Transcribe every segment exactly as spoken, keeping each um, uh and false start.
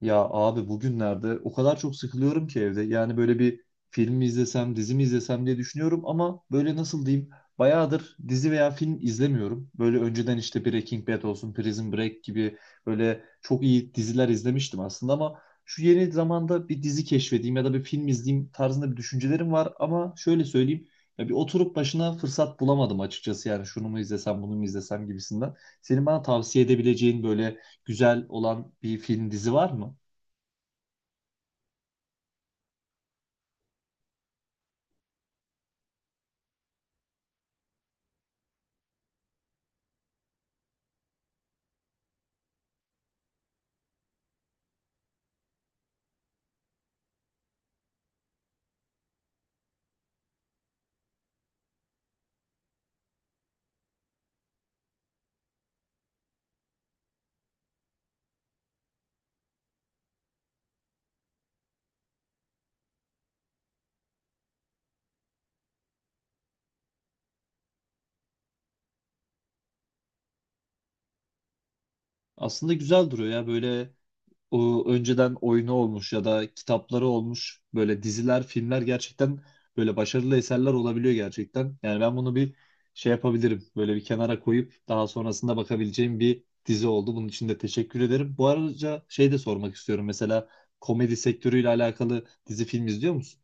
Ya abi, bugünlerde o kadar çok sıkılıyorum ki evde. Yani böyle bir film mi izlesem, dizi mi izlesem diye düşünüyorum ama böyle nasıl diyeyim? Bayağıdır dizi veya film izlemiyorum. Böyle önceden işte Breaking Bad olsun, Prison Break gibi böyle çok iyi diziler izlemiştim aslında ama şu yeni zamanda bir dizi keşfedeyim ya da bir film izleyeyim tarzında bir düşüncelerim var ama şöyle söyleyeyim, ya bir oturup başına fırsat bulamadım açıkçası, yani şunu mu izlesem bunu mu izlesem gibisinden. Senin bana tavsiye edebileceğin böyle güzel olan bir film dizi var mı? Aslında güzel duruyor ya, böyle o önceden oyunu olmuş ya da kitapları olmuş böyle diziler, filmler gerçekten böyle başarılı eserler olabiliyor gerçekten. Yani ben bunu bir şey yapabilirim. Böyle bir kenara koyup daha sonrasında bakabileceğim bir dizi oldu. Bunun için de teşekkür ederim. Bu arada şey de sormak istiyorum. Mesela komedi sektörüyle alakalı dizi film izliyor musun?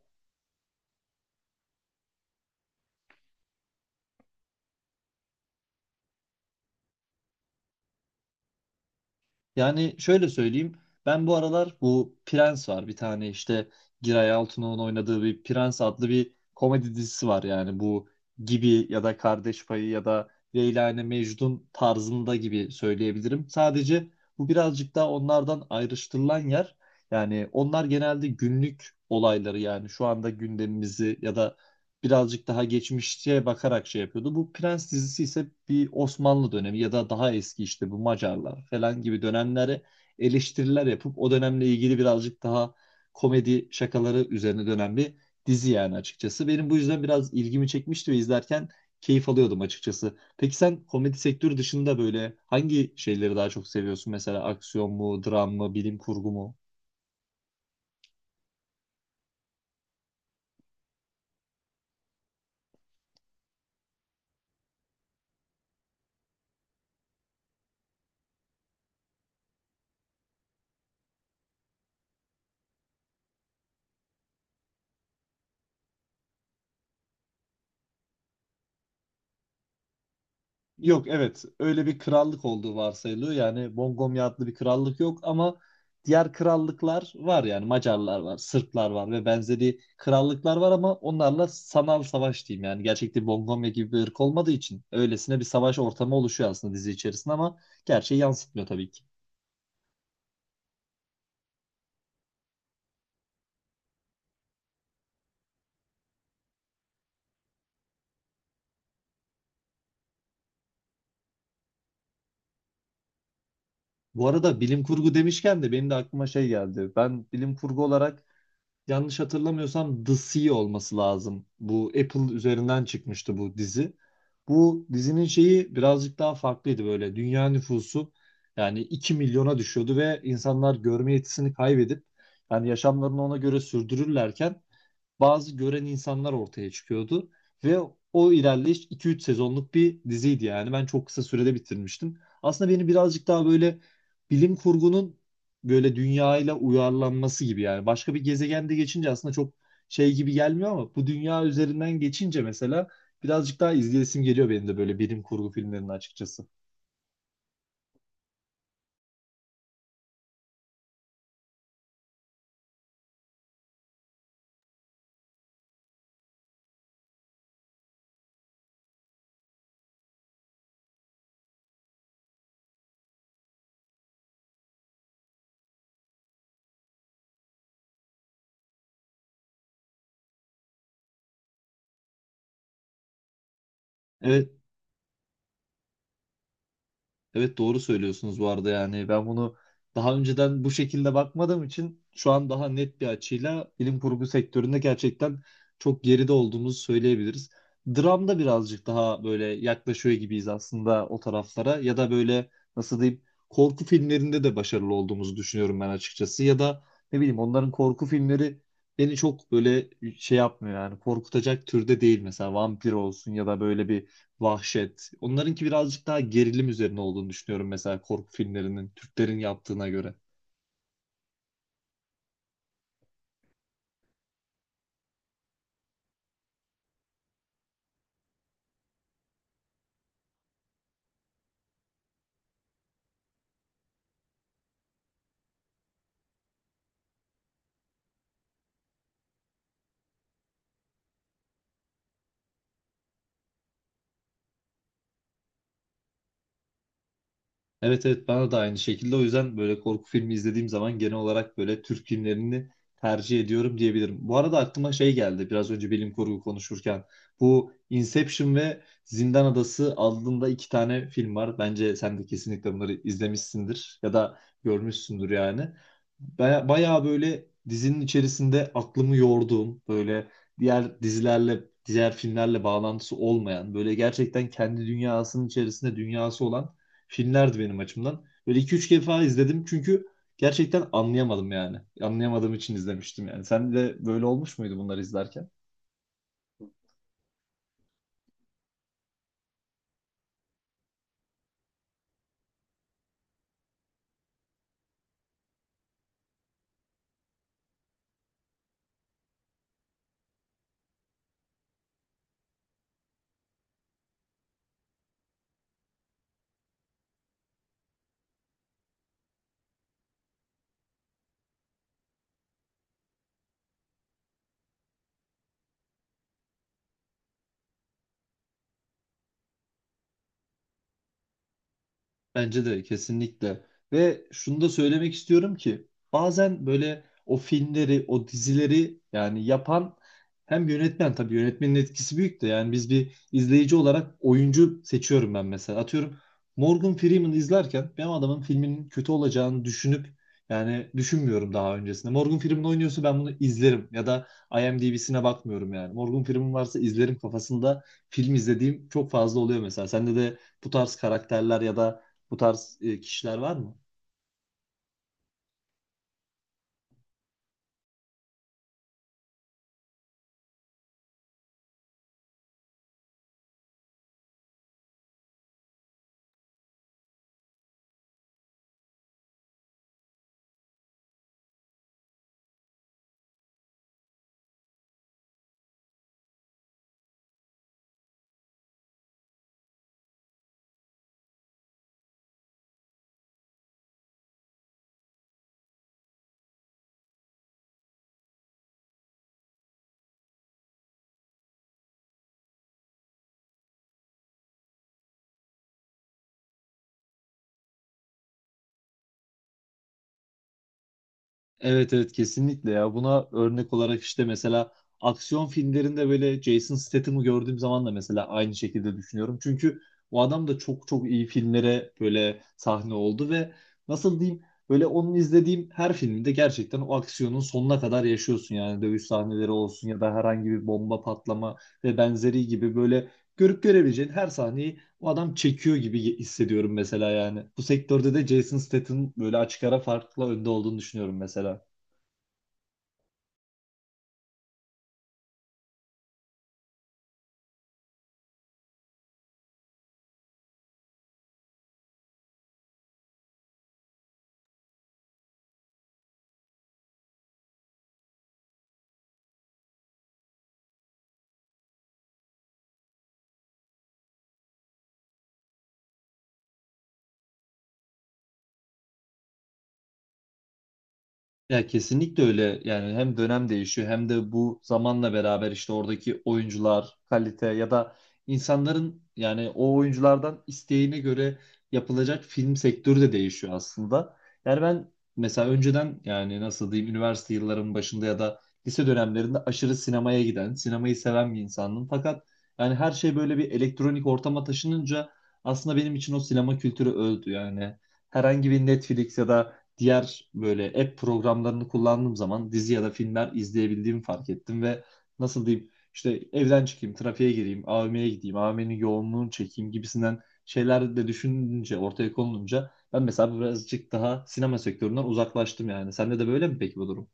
Yani şöyle söyleyeyim. Ben bu aralar bu Prens var. Bir tane işte Giray Altun'un oynadığı bir Prens adlı bir komedi dizisi var. Yani bu gibi ya da Kardeş Payı ya da Leyla ile Mecnun tarzında gibi söyleyebilirim. Sadece bu birazcık daha onlardan ayrıştırılan yer. Yani onlar genelde günlük olayları, yani şu anda gündemimizi ya da birazcık daha geçmişe bakarak şey yapıyordu. Bu Prens dizisi ise bir Osmanlı dönemi ya da daha eski işte bu Macarlar falan gibi dönemlere eleştiriler yapıp o dönemle ilgili birazcık daha komedi şakaları üzerine dönen bir dizi yani açıkçası. Benim bu yüzden biraz ilgimi çekmişti ve izlerken keyif alıyordum açıkçası. Peki sen komedi sektörü dışında böyle hangi şeyleri daha çok seviyorsun? Mesela aksiyon mu, dram mı, bilim kurgu mu? Yok, evet, öyle bir krallık olduğu varsayılıyor. Yani Bongomya adlı bir krallık yok ama diğer krallıklar var, yani Macarlar var, Sırplar var ve benzeri krallıklar var ama onlarla sanal savaş diyeyim yani. Gerçekte Bongomya gibi bir ırk olmadığı için öylesine bir savaş ortamı oluşuyor aslında dizi içerisinde ama gerçeği yansıtmıyor tabii ki. Bu arada bilim kurgu demişken de benim de aklıma şey geldi. Ben bilim kurgu olarak, yanlış hatırlamıyorsam, The Sea olması lazım. Bu Apple üzerinden çıkmıştı bu dizi. Bu dizinin şeyi birazcık daha farklıydı böyle. Dünya nüfusu yani iki milyona düşüyordu ve insanlar görme yetisini kaybedip yani yaşamlarını ona göre sürdürürlerken bazı gören insanlar ortaya çıkıyordu ve o ilerleyiş iki üç sezonluk bir diziydi yani ben çok kısa sürede bitirmiştim. Aslında beni birazcık daha böyle bilim kurgunun böyle dünyayla uyarlanması gibi yani. Başka bir gezegende geçince aslında çok şey gibi gelmiyor ama bu dünya üzerinden geçince mesela birazcık daha izleyesim geliyor benim de böyle bilim kurgu filmlerinin açıkçası. Evet, evet, doğru söylüyorsunuz bu arada, yani ben bunu daha önceden bu şekilde bakmadığım için şu an daha net bir açıyla bilim kurgu sektöründe gerçekten çok geride olduğumuzu söyleyebiliriz. Dramda birazcık daha böyle yaklaşıyor gibiyiz aslında o taraflara, ya da böyle nasıl diyeyim, korku filmlerinde de başarılı olduğumuzu düşünüyorum ben açıkçası ya da, ne bileyim, onların korku filmleri beni çok böyle şey yapmıyor yani, korkutacak türde değil mesela, vampir olsun ya da böyle bir vahşet. Onlarınki birazcık daha gerilim üzerine olduğunu düşünüyorum mesela korku filmlerinin, Türklerin yaptığına göre. Evet, evet, bana da aynı şekilde. O yüzden böyle korku filmi izlediğim zaman genel olarak böyle Türk filmlerini tercih ediyorum diyebilirim. Bu arada aklıma şey geldi biraz önce bilim kurgu konuşurken. Bu Inception ve Zindan Adası adında iki tane film var. Bence sen de kesinlikle bunları izlemişsindir ya da görmüşsündür yani. Baya, bayağı böyle dizinin içerisinde aklımı yorduğum, böyle diğer dizilerle diğer filmlerle bağlantısı olmayan, böyle gerçekten kendi dünyasının içerisinde dünyası olan filmlerdi benim açımdan. Böyle iki üç defa izledim çünkü gerçekten anlayamadım yani. Anlayamadığım için izlemiştim yani. Sen de böyle olmuş muydu bunları izlerken? Bence de kesinlikle. Ve şunu da söylemek istiyorum ki, bazen böyle o filmleri, o dizileri yani yapan hem yönetmen, tabii yönetmenin etkisi büyük de, yani biz bir izleyici olarak oyuncu seçiyorum ben mesela. Atıyorum, Morgan Freeman izlerken ben adamın filminin kötü olacağını düşünüp, yani düşünmüyorum daha öncesinde. Morgan Freeman oynuyorsa ben bunu izlerim ya da IMDb'sine bakmıyorum yani. Morgan Freeman varsa izlerim kafasında film izlediğim çok fazla oluyor mesela. Sende de bu tarz karakterler ya da bu tarz e, kişiler var mı? Evet, evet, kesinlikle ya. Buna örnek olarak, işte mesela aksiyon filmlerinde böyle Jason Statham'ı gördüğüm zaman da mesela aynı şekilde düşünüyorum. Çünkü o adam da çok çok iyi filmlere böyle sahne oldu ve nasıl diyeyim, böyle onun izlediğim her filmde gerçekten o aksiyonun sonuna kadar yaşıyorsun yani, dövüş sahneleri olsun ya da herhangi bir bomba patlama ve benzeri gibi, böyle görüp görebileceğin her sahneyi o adam çekiyor gibi hissediyorum mesela yani. Bu sektörde de Jason Statham böyle açık ara farklı önde olduğunu düşünüyorum mesela. Ya kesinlikle öyle yani, hem dönem değişiyor hem de bu zamanla beraber işte oradaki oyuncular kalite ya da insanların yani o oyunculardan isteğine göre yapılacak film sektörü de değişiyor aslında. Yani ben mesela önceden, yani nasıl diyeyim, üniversite yıllarımın başında ya da lise dönemlerinde aşırı sinemaya giden, sinemayı seven bir insandım. Fakat yani her şey böyle bir elektronik ortama taşınınca aslında benim için o sinema kültürü öldü yani. Herhangi bir Netflix ya da diğer böyle app programlarını kullandığım zaman dizi ya da filmler izleyebildiğimi fark ettim ve nasıl diyeyim, işte evden çıkayım, trafiğe gireyim, A V M'ye gideyim, A V M'nin yoğunluğunu çekeyim gibisinden şeyler de düşününce, ortaya konulunca ben mesela birazcık daha sinema sektöründen uzaklaştım yani. Sende de böyle mi peki bu durum?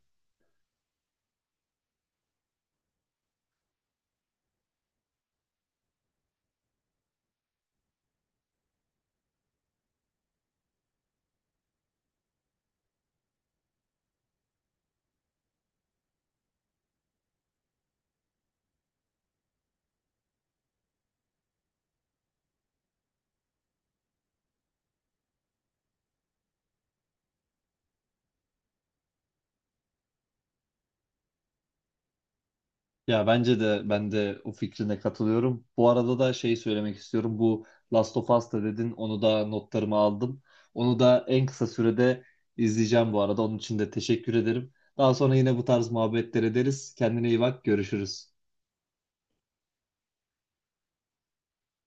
Ya bence de ben de o fikrine katılıyorum. Bu arada da şey söylemek istiyorum. Bu Last of Us'ta dedin. Onu da notlarımı aldım. Onu da en kısa sürede izleyeceğim bu arada. Onun için de teşekkür ederim. Daha sonra yine bu tarz muhabbetler ederiz. Kendine iyi bak. Görüşürüz.